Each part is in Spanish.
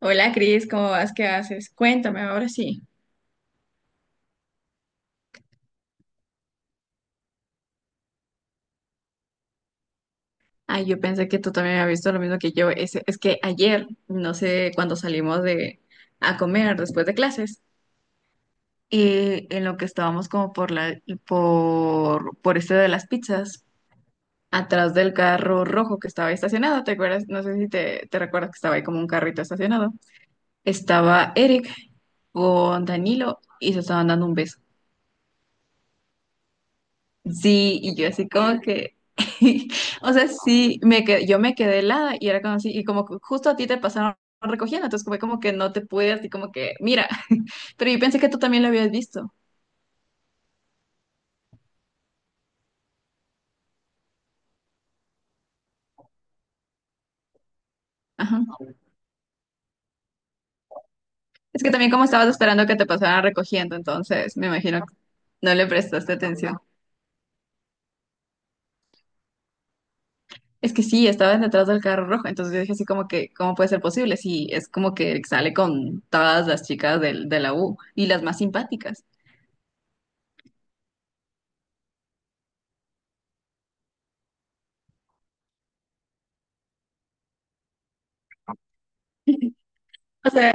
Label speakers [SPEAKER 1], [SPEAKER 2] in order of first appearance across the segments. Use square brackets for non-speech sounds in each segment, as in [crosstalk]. [SPEAKER 1] Hola Cris, ¿cómo vas? ¿Qué haces? Cuéntame ahora sí. Ay, yo pensé que tú también habías visto lo mismo que yo. Es que ayer, no sé, cuando salimos de a comer después de clases, en lo que estábamos como por la por este de las pizzas, atrás del carro rojo que estaba ahí estacionado, ¿te acuerdas? No sé si te recuerdas que estaba ahí como un carrito estacionado. Estaba Eric con Danilo y se estaban dando un beso. Sí, y yo así como que, [laughs] o sea, sí, me que yo me quedé helada y era como así, y como que justo a ti te pasaron recogiendo, entonces fue como que no te pude, así como que, mira, [laughs] pero yo pensé que tú también lo habías visto. Ajá. Es que también como estabas esperando que te pasaran recogiendo, entonces me imagino que no le prestaste atención. Es que sí, estaba detrás del carro rojo, entonces yo dije así como que, ¿cómo puede ser posible? Sí, es como que sale con todas las chicas de la U y las más simpáticas. [laughs] O sea.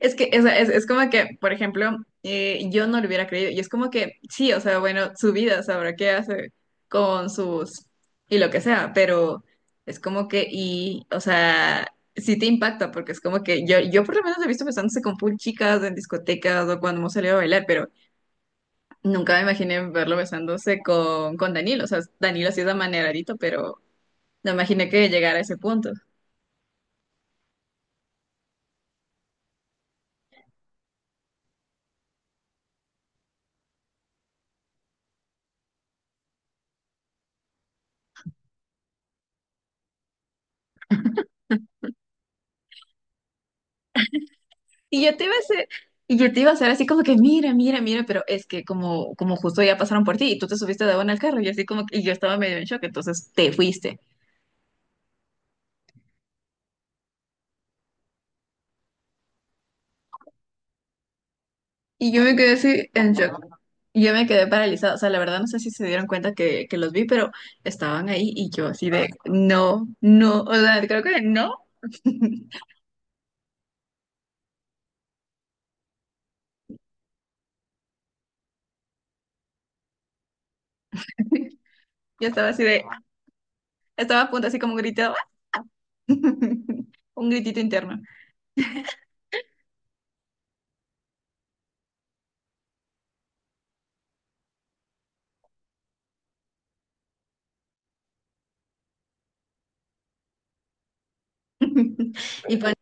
[SPEAKER 1] Es que es como que, por ejemplo, yo no lo hubiera creído. Y es como que, sí, o sea, bueno, su vida sabrá qué hace con sus y lo que sea, pero es como que, y, o sea, sí te impacta, porque es como que yo por lo menos lo he visto besándose con full chicas en discotecas o cuando hemos salido a bailar, pero nunca me imaginé verlo besándose con Danilo. O sea, Danilo sí es amaneradito, pero no imaginé que llegara a ese punto. Y yo te iba a hacer, y yo te iba a hacer así como que, mira, mira, mira, pero es que como, como justo ya pasaron por ti y tú te subiste de buena al carro y así como que, y yo estaba medio en shock, entonces te fuiste. Y yo me quedé así en shock. Y yo me quedé paralizada. O sea, la verdad no sé si se dieron cuenta que los vi, pero estaban ahí y yo así de, no, no, o sea, creo que no. [laughs] Yo estaba así de, estaba a punto así como un grito, [laughs] un gritito interno. [laughs] Y poner,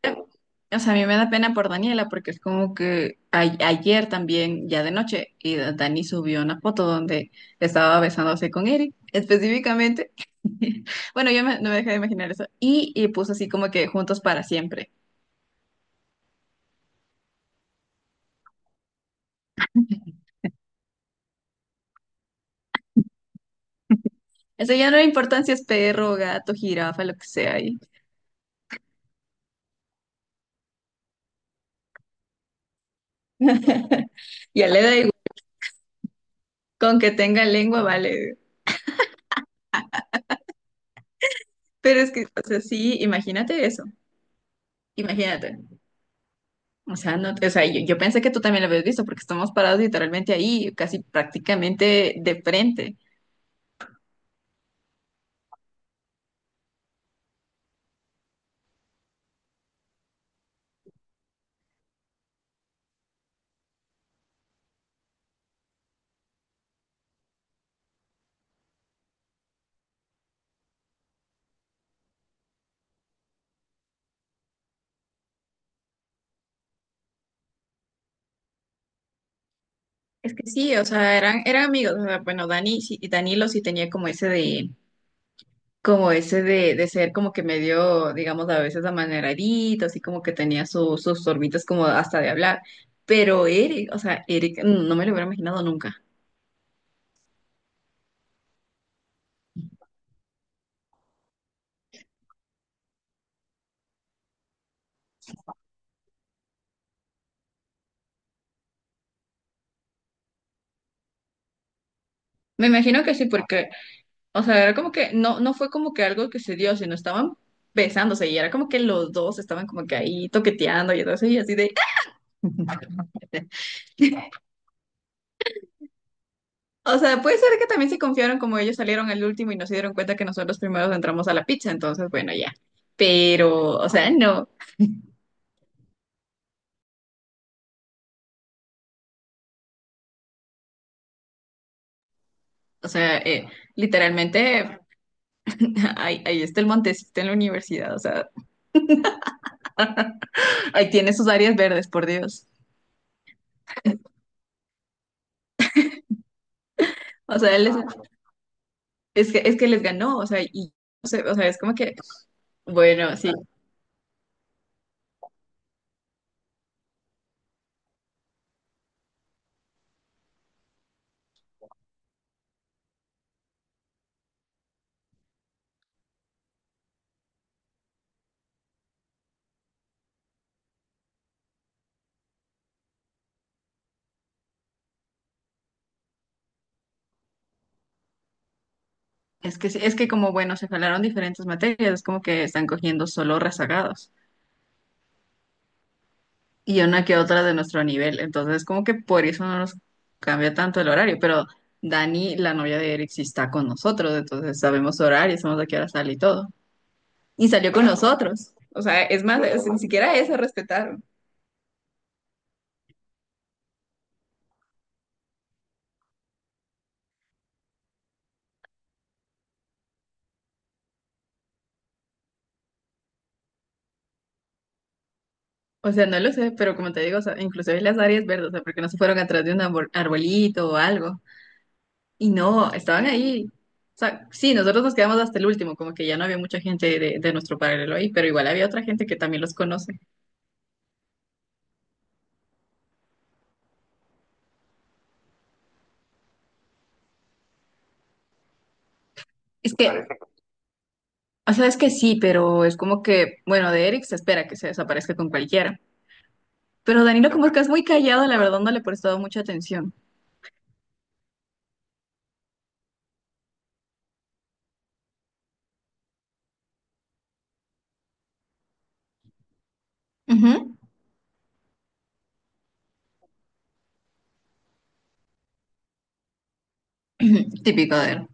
[SPEAKER 1] o sea, a mí me da pena por Daniela porque es como que ayer también, ya de noche, y Dani subió una foto donde estaba besándose con Eric, específicamente. [laughs] Bueno, no me dejé de imaginar eso. Y puso así como que juntos para siempre. Eso ya no le importa si es perro, gato, jirafa, lo que sea. Y [laughs] ya le da igual, con que tenga lengua, vale. Pero es que, o sea, sí, imagínate eso. Imagínate. O sea, no, o sea, yo pensé que tú también lo habías visto porque estamos parados literalmente ahí, casi prácticamente de frente. Es que sí, o sea, eran amigos. O sea, bueno, Dani sí, y Danilo sí tenía como ese de ser como que medio, digamos, a veces amaneradito, así como que tenía sus sorbitas como hasta de hablar. Pero Eric, o sea, Eric, no me lo hubiera imaginado nunca. Me imagino que sí, porque o sea, era como que no, no fue como que algo que se dio, sino estaban besándose y era como que los dos estaban como que ahí toqueteando y entonces y así de... "Ah". [laughs] O sea, puede ser que también se confiaron como ellos salieron al último y no se dieron cuenta que nosotros los primeros entramos a la pizza, entonces bueno, ya. Pero, o sea, no. O sea, literalmente [laughs] ahí está el Montecito en la universidad, o sea, ahí tiene sus áreas verdes, por Dios. O sea, él es que les ganó, o sea, y, o sea, es como que, bueno, sí. Es que como, bueno, se jalaron diferentes materias, es como que están cogiendo solo rezagados y una que otra de nuestro nivel. Entonces, como que por eso no nos cambia tanto el horario. Pero Dani, la novia de Eric, sí está con nosotros, entonces sabemos su horario, sabemos a qué hora sale y todo. Y salió con nosotros. O sea, es más, ni siquiera eso respetaron. O sea, no lo sé, pero como te digo, o sea, inclusive las áreas verdes, o sea, porque no se fueron atrás de un arbolito o algo. Y no, estaban ahí. O sea, sí, nosotros nos quedamos hasta el último, como que ya no había mucha gente de nuestro paralelo ahí, pero igual había otra gente que también los conoce. Es que, o sea, es que sí, pero es como que, bueno, de Eric se espera que se desaparezca con cualquiera. Pero Danilo, como que es muy callado, la verdad no le he prestado mucha atención. Ujú. [clears throat] Típico de él.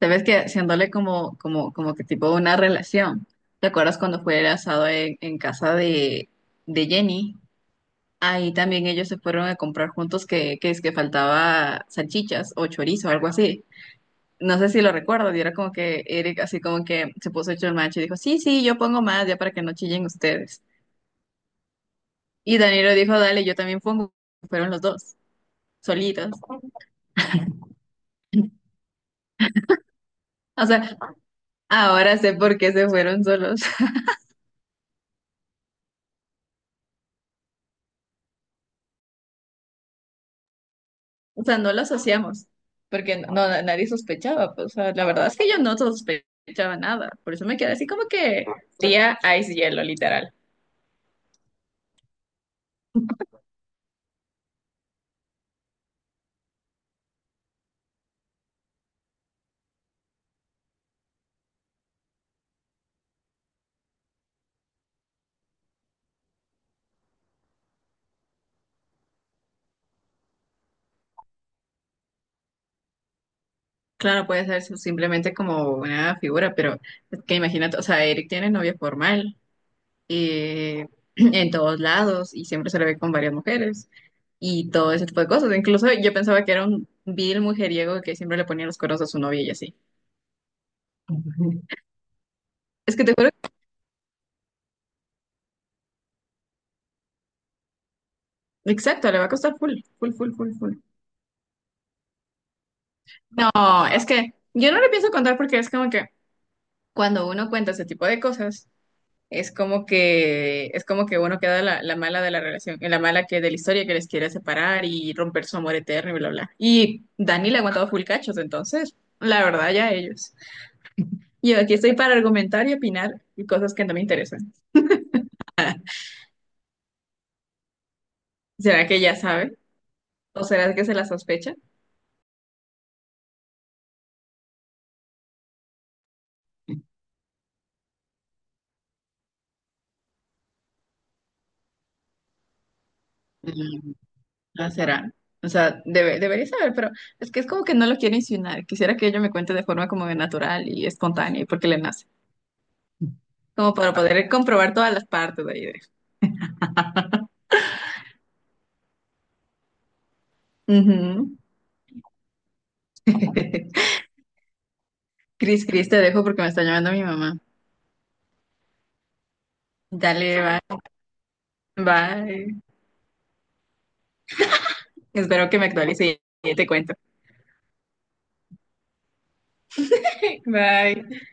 [SPEAKER 1] Sabes que haciéndole como como que tipo una relación. ¿Te acuerdas cuando fue el asado en casa de Jenny? Ahí también ellos se fueron a comprar juntos que es que faltaba salchichas o chorizo o algo así. No sé si lo recuerdo, y era como que Eric así como que se puso hecho el macho y dijo, sí, sí, yo pongo más ya para que no chillen ustedes. Y Danilo dijo, dale, yo también pongo. Fueron los dos, solitos. [laughs] O sea, ahora sé por qué se fueron solos. [laughs] O sea, no lo asociamos, porque no, no, nadie sospechaba, pues, o sea, la verdad es que yo no sospechaba nada. Por eso me quedé así como que tía ice hielo, literal. Claro, puede ser simplemente como una figura, pero es que imagínate, o sea, Eric tiene novia formal, eh, [clears throat] en todos lados y siempre se le ve con varias mujeres y todo ese tipo de cosas. Incluso yo pensaba que era un vil mujeriego que siempre le ponía los cuernos a su novia y así. Ujú. Es que te juro, exacto, le va a costar full, full, full, full, full. No, es que yo no le pienso contar porque es como que cuando uno cuenta ese tipo de cosas, es como que uno queda la mala de la relación, la mala que de la historia que les quiere separar y romper su amor eterno y bla, bla. Y Dani le ha aguantado full cachos, entonces, la verdad, ya ellos. Yo aquí estoy para argumentar y opinar y cosas que no me interesan. ¿Será que ya sabe? ¿O será que se la sospecha? Mm, no será. O sea, debería saber, pero es que es como que no lo quiere insinuar. Quisiera que ella me cuente de forma como natural y espontánea y porque le nace. Como para poder comprobar todas las partes de ahí. De- Ujú. [laughs] Cris, Cris, te dejo porque me está llamando mi mamá. Dale, bye, bye. Espero que me actualice y te cuento. Bye.